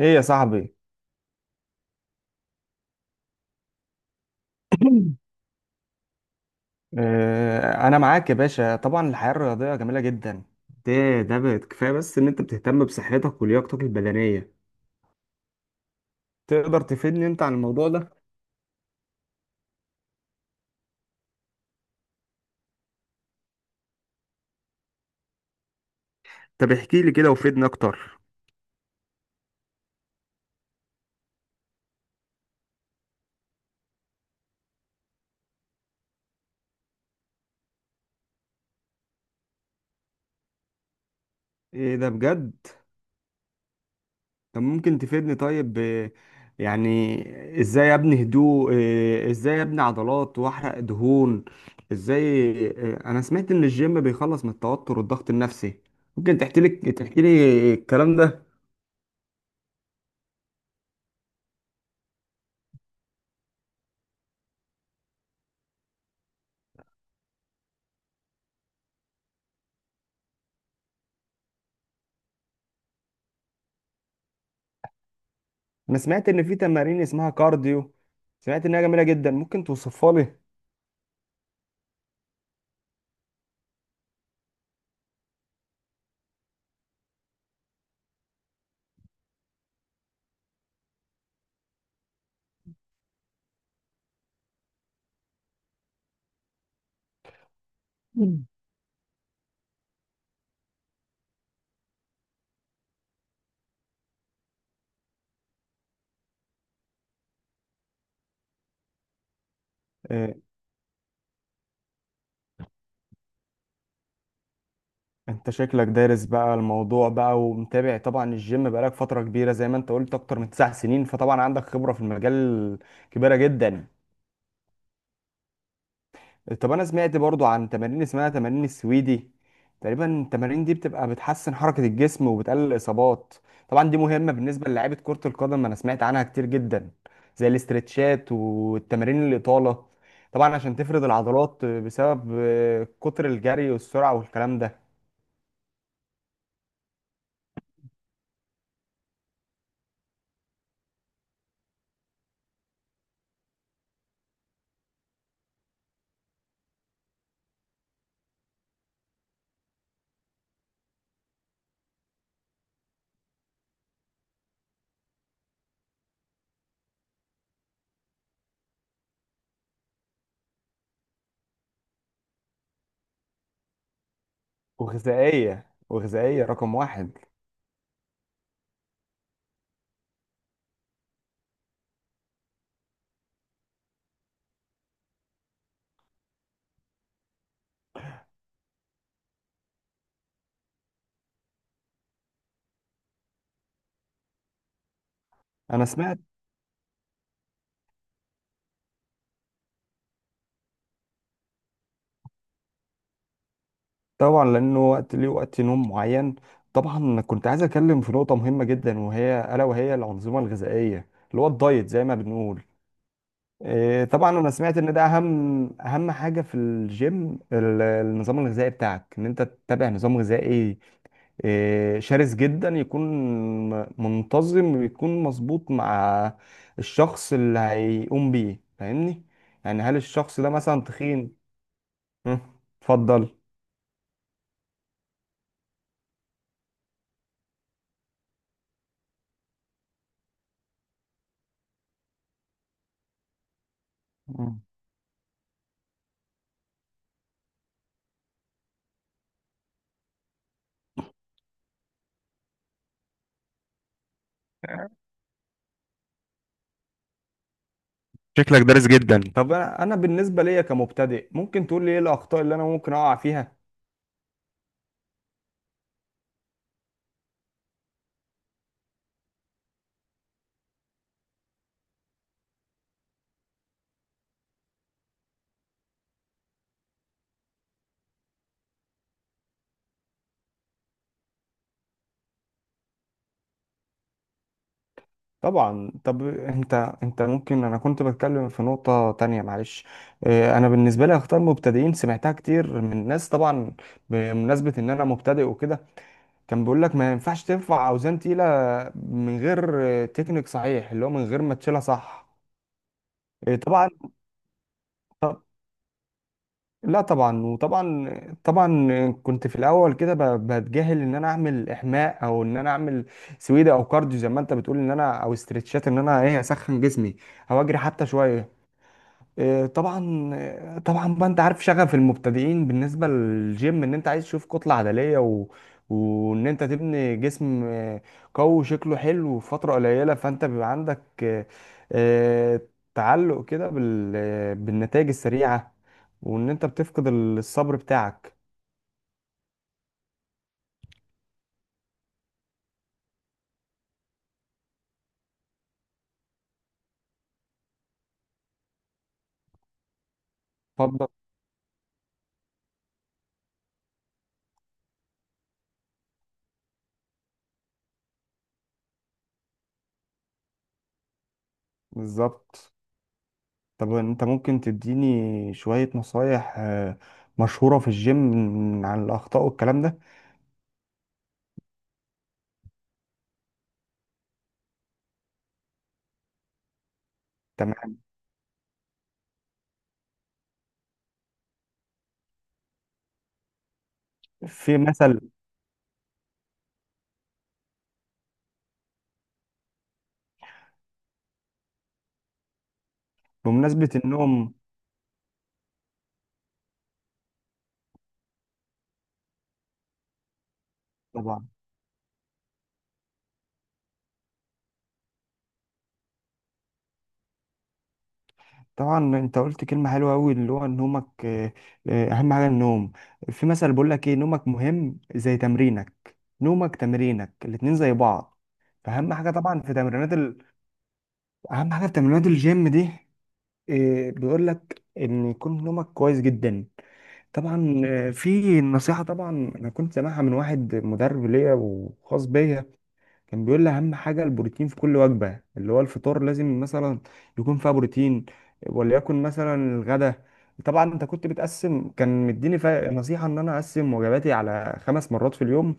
ايه يا صاحبي. انا معاك يا باشا. طبعا الحياه الرياضيه جميله جدا. ده بقت كفايه، بس ان انت بتهتم بصحتك ولياقتك البدنيه. تقدر تفيدني انت عن الموضوع ده؟ طب احكي لي كده وفيدني اكتر. ايه ده؟ بجد؟ طب ممكن تفيدني؟ طيب يعني ازاي ابني هدوء؟ ازاي ابني عضلات واحرق دهون؟ ازاي؟ انا سمعت ان الجيم بيخلص من التوتر والضغط النفسي. ممكن تحكي لي الكلام ده؟ انا سمعت ان في تمارين اسمها كارديو. سمعت انها جميله جدا، ممكن توصفها لي؟ مم. آه، انت شكلك دارس بقى الموضوع بقى ومتابع. طبعا الجيم بقالك فتره كبيره زي ما انت قلت اكتر من 9 سنين، فطبعا عندك خبره في المجال كبيره جدا. طب انا سمعت برضو عن تمارين اسمها تمارين السويدي. تقريبا التمارين دي بتبقى بتحسن حركة الجسم وبتقلل الاصابات. طبعا دي مهمة بالنسبة للاعيبة كرة القدم، انا سمعت عنها كتير جدا. زي الاسترتشات والتمارين الإطالة. طبعا عشان تفرد العضلات بسبب كتر الجري والسرعة والكلام ده. وغذائية، وغذائية رقم واحد. انا سمعت. طبعا لانه وقت ليه وقت نوم معين. طبعا كنت عايز اتكلم في نقطه مهمه جدا، الا وهي الانظمه الغذائيه اللي هو الدايت زي ما بنقول. طبعا انا سمعت ان ده اهم حاجه في الجيم، النظام الغذائي بتاعك ان انت تتبع نظام غذائي. شرس جدا يكون. منتظم ويكون مظبوط مع الشخص اللي هيقوم بيه. فاهمني؟ يعني هل الشخص ده مثلا تخين؟ مم، اتفضل. مم. شكلك دارس جدا. طب انا بالنسبه ليا كمبتدئ، ممكن تقول لي ايه الاخطاء اللي انا ممكن اقع فيها؟ طبعا. طب انت انت ممكن انا كنت بتكلم في نقطه تانية، معلش. انا بالنسبه لي اخطاء المبتدئين سمعتها كتير من ناس طبعا، بمناسبه ان انا مبتدئ وكده. كان بيقول لك ما ينفعش ترفع اوزان تقيله من غير تكنيك صحيح، اللي هو من غير ما تشيلها صح. طبعا. لا طبعا، وطبعا. طبعا كنت في الاول كده بتجاهل ان انا اعمل احماء، او ان انا اعمل سويدة او كارديو زي ما انت بتقول ان انا، او استرتشات ان انا اسخن جسمي او اجري حتى شويه. طبعا. طبعا بقى انت عارف شغف المبتدئين بالنسبه للجيم ان انت عايز تشوف كتله عضليه وان انت تبني جسم قوي شكله حلو في فتره قليله، فانت بيبقى عندك آه، تعلق كده بالنتائج السريعه. وان انت بتفقد الصبر بتاعك. اتفضل. بالظبط. طب انت ممكن تديني شويه نصايح مشهوره في الجيم عن الاخطاء والكلام ده؟ تمام. في مثل. بمناسبه النوم طبعا. طبعا انت قلت كلمة حلوة قوي اللي هو نومك. اهم حاجة النوم. في مثل بيقول لك ايه، نومك مهم زي تمرينك، نومك تمرينك الاتنين زي بعض. فاهم حاجة؟ طبعا اهم حاجة في تمرينات الجيم دي. بيقول لك ان يكون نومك كويس جدا. طبعا. في نصيحة طبعا، انا كنت سامعها من واحد مدرب ليا وخاص بيا، كان بيقول لي اهم حاجه البروتين في كل وجبه، اللي هو الفطار لازم مثلا يكون فيها بروتين، وليكن مثلا الغداء. طبعا انت كنت بتقسم، كان مديني نصيحه ان انا اقسم وجباتي على 5 مرات في اليوم.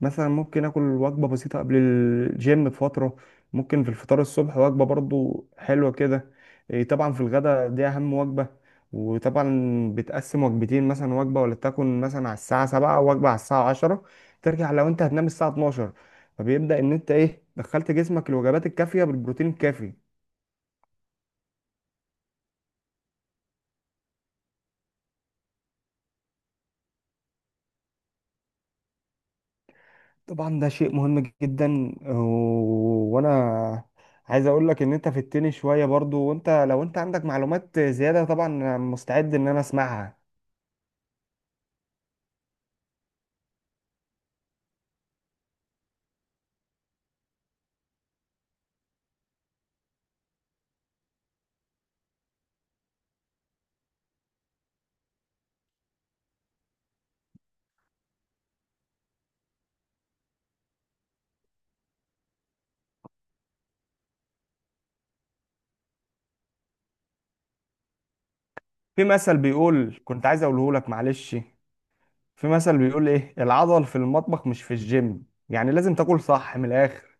مثلا ممكن اكل وجبه بسيطه قبل الجيم بفتره، ممكن في الفطار الصبح وجبه برضو حلوه كده. إيه طبعا، في الغداء دي اهم وجبه. وطبعا بتقسم وجبتين مثلا، وجبه ولا تكون مثلا على الساعه 7، وجبه على الساعه 10، ترجع لو انت هتنام الساعه 12. فبيبدا ان انت دخلت جسمك الوجبات الكافيه بالبروتين الكافي. طبعا ده شيء مهم جدا، وانا عايز اقول لك ان انت في التاني شويه برضو، وانت لو انت عندك معلومات زياده طبعا أنا مستعد ان انا اسمعها. في مثل بيقول، كنت عايز اقوله لك معلش. في مثل بيقول ايه، العضل في المطبخ مش في الجيم، يعني لازم تاكل صح من الاخر.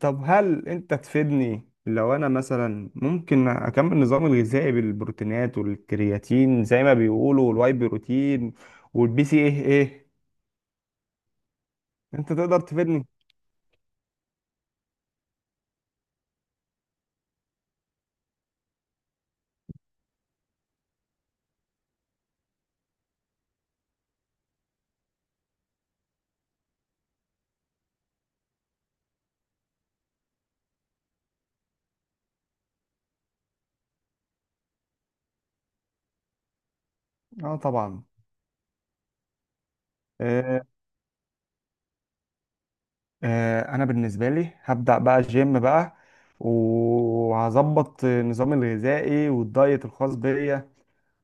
طب هل انت تفيدني لو انا مثلا ممكن اكمل نظامي الغذائي بالبروتينات والكرياتين زي ما بيقولوا، والواي بروتين والبي سي ايه ايه؟ انت تقدر تفيدني؟ اه طبعا. آه انا بالنسبه لي هبدا بقى جيم بقى، وهظبط نظامي الغذائي والدايت الخاص بيا.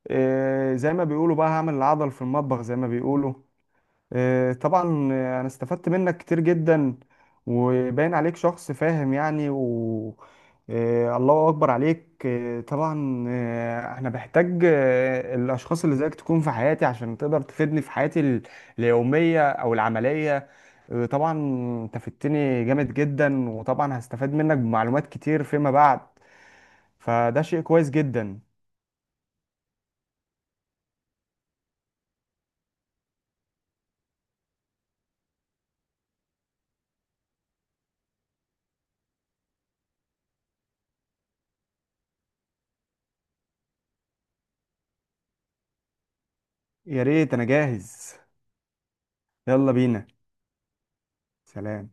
زي ما بيقولوا بقى هعمل العضل في المطبخ زي ما بيقولوا. طبعا، انا استفدت منك كتير جدا، وباين عليك شخص فاهم يعني، و آه، الله اكبر عليك. طبعا انا بحتاج الاشخاص اللي زيك تكون في حياتي عشان تقدر تفيدني في حياتي اليومية او العملية. طبعا. انت فدتني جامد جدا وطبعا هستفاد منك بمعلومات كتير فيما بعد، فده شيء كويس جدا. يا ريت، انا جاهز. يلا بينا. سلام.